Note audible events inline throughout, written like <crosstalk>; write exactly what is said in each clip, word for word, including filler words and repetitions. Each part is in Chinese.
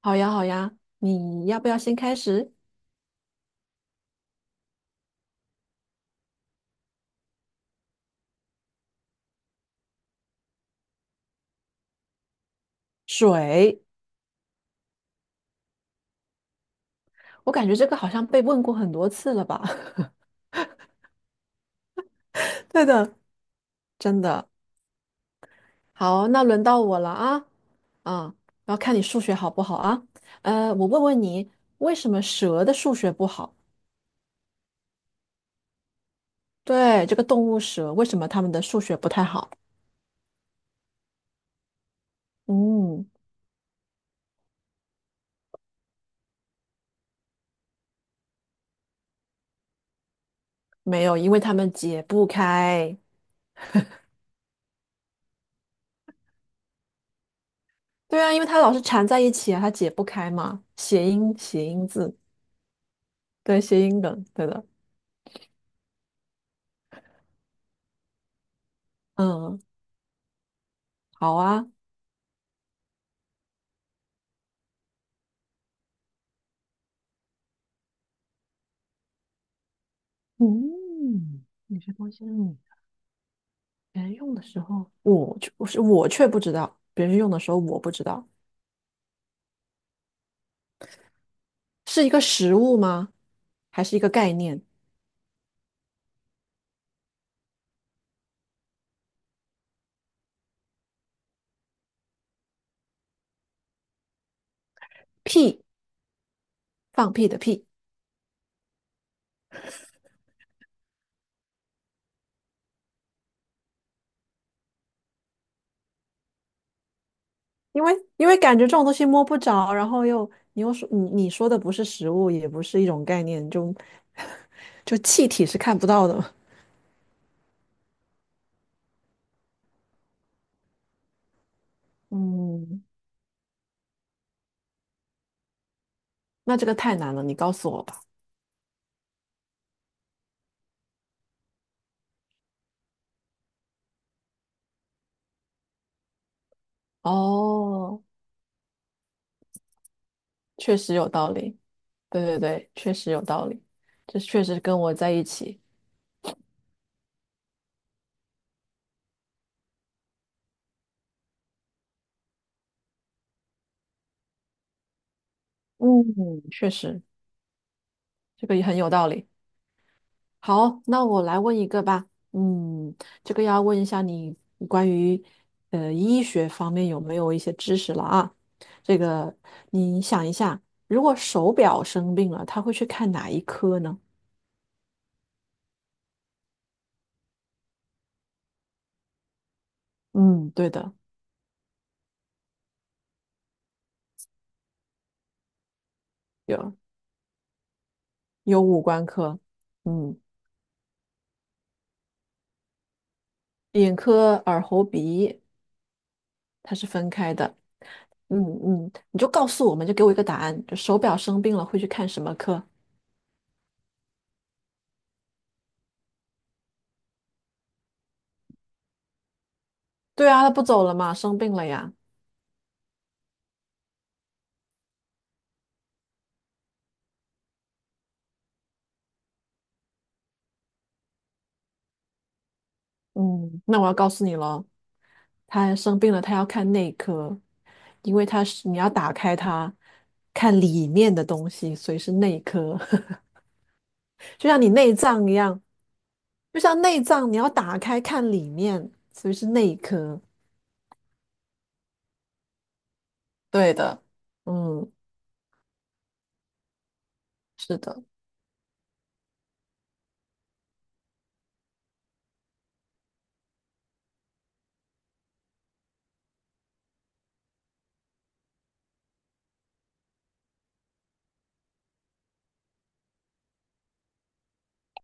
好呀，好呀，你要不要先开始？水。我感觉这个好像被问过很多次了吧？<laughs> 对的，真的。好，那轮到我了啊啊，然后看你数学好不好啊？呃，我问问你，为什么蛇的数学不好？对，这个动物蛇，为什么它们的数学不太好？嗯，没有，因为它们解不开。对啊，因为它老是缠在一起啊，它解不开嘛。谐音，谐音字，对，谐音梗，对的。嗯，好啊。嗯，有些东西是你别人用的时候，我却不是我却不知道，别人用的时候我不知道。是一个食物吗？还是一个概念？屁，放屁的屁。因为因为感觉这种东西摸不着，然后又你又说你你说的不是食物，也不是一种概念，就 <laughs> 就气体是看不到的。嗯，那这个太难了，你告诉我吧。哦，确实有道理，对对对，确实有道理，这确实跟我在一起。嗯，确实，这个也很有道理。好，那我来问一个吧。嗯，这个要问一下你关于呃医学方面有没有一些知识了啊？这个你想一下，如果手表生病了，他会去看哪一科呢？嗯，对的。有有五官科。嗯，眼科、耳喉鼻，它是分开的。嗯嗯，你就告诉我们，就给我一个答案，就手表生病了会去看什么科？对啊，他不走了嘛，生病了呀。嗯，那我要告诉你了，他生病了，他要看内科，因为他是你要打开它，看里面的东西，所以是内科。<laughs> 就像你内脏一样，就像内脏你要打开看里面，所以是内科。对的。嗯，是的。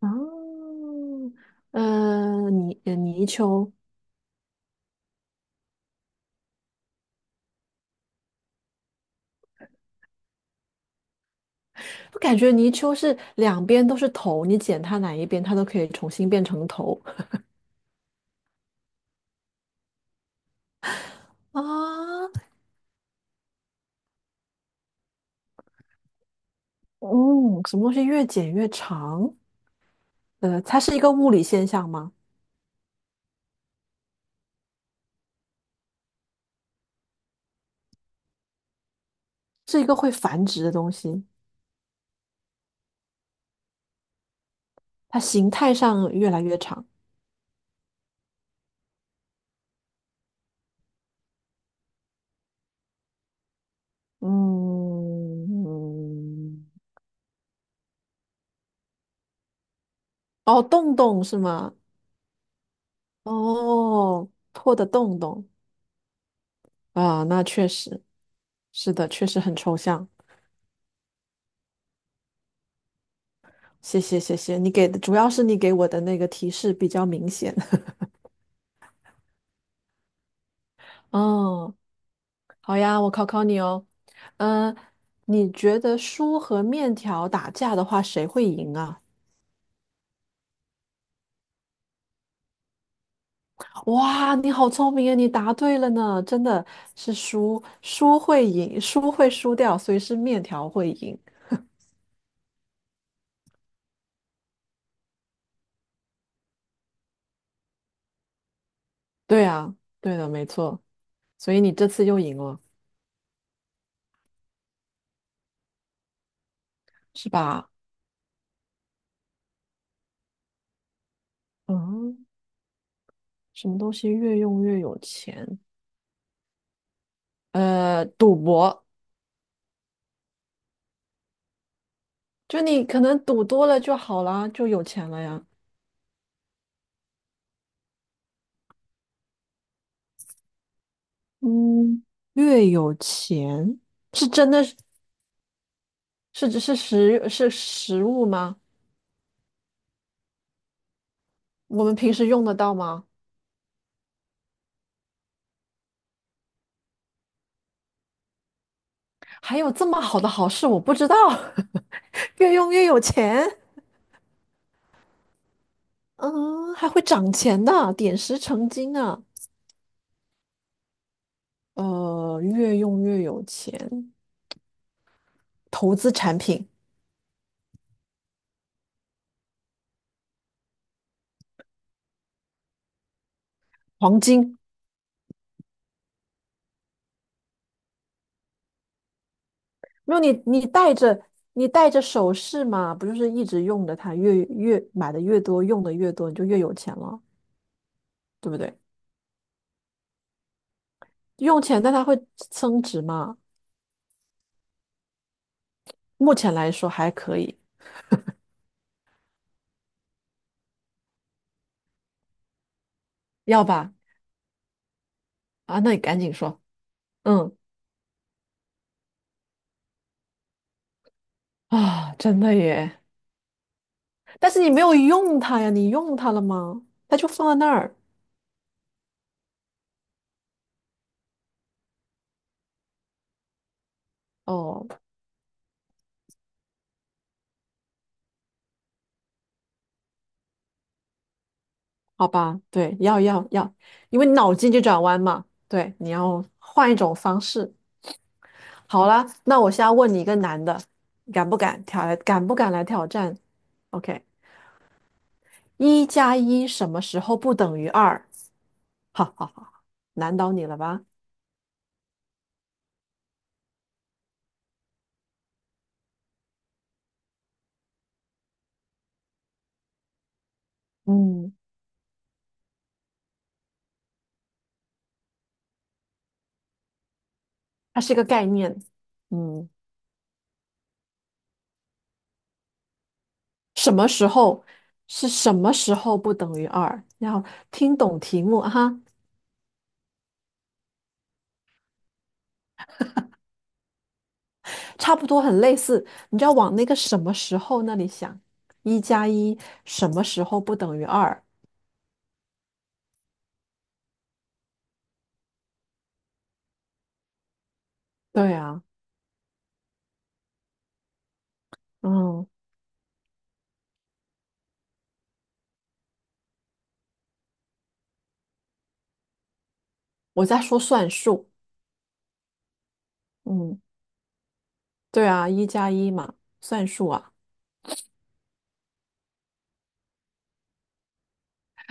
嗯，呃，泥呃泥鳅，我感觉泥鳅是两边都是头，你剪它哪一边，它都可以重新变成头。啊。嗯，什么东西越剪越长？呃，它是一个物理现象吗？是一个会繁殖的东西，它形态上越来越长。嗯，哦，洞洞是吗？哦，破的洞洞，啊，那确实是的，确实很抽象。谢谢谢谢，你给的主要是你给我的那个提示比较明显。<laughs> 哦，好呀，我考考你哦。嗯、你觉得书和面条打架的话，谁会赢啊？哇，你好聪明啊！你答对了呢，真的是输，输会赢，输会输掉，所以是面条会赢。对啊，对的，没错。所以你这次又赢了，是吧？嗯，什么东西越用越有钱？呃，赌博，就你可能赌多了就好啦，就有钱了呀。嗯，越有钱是真的是是是食是食物吗？我们平时用得到吗？还有这么好的好事，我不知道。<laughs> 越用越有钱 <laughs>，嗯，还会涨钱的，点石成金啊！呃，越用越有钱，投资产品，黄金。没有你，你戴着你戴着首饰嘛，不就是一直用着它，越越买的越多，用的越多，你就越有钱了，对不对？用钱，但它会增值嘛？目前来说还可以。要吧？啊，那你赶紧说。嗯啊，真的耶！但是你没有用它呀，你用它了吗？它就放在那儿。哦，好吧，对，要要要，因为脑筋急转弯嘛，对，你要换一种方式。好啦，那我现在问你一个难的，敢不敢挑来？敢不敢来挑战？OK,一加一什么时候不等于二？好好好，难倒你了吧？嗯，它是一个概念。嗯，什么时候是什么时候不等于二？要听懂题目哈。差不多很类似，你就要往那个什么时候那里想，一加一什么时候不等于二？对啊，嗯，我在说算术。嗯，对啊，一加一嘛，算术啊，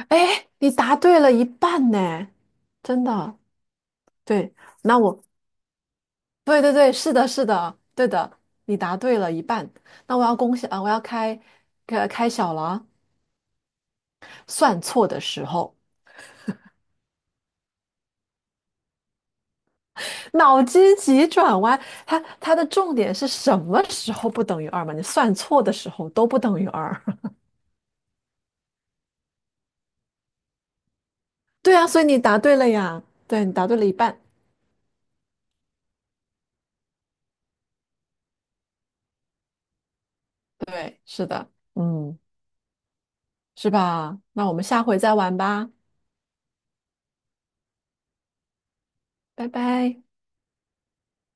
哎，你答对了一半呢，真的，对，那我，对对对，是的，是的，对的，你答对了一半，那我要恭喜啊，我要开开开小了啊，算错的时候。脑筋急转弯，它它的重点是什么时候不等于二嘛？你算错的时候都不等于二。<laughs> 对啊，所以你答对了呀，对，你答对了一半。对，是的。嗯，是吧？那我们下回再玩吧，拜拜。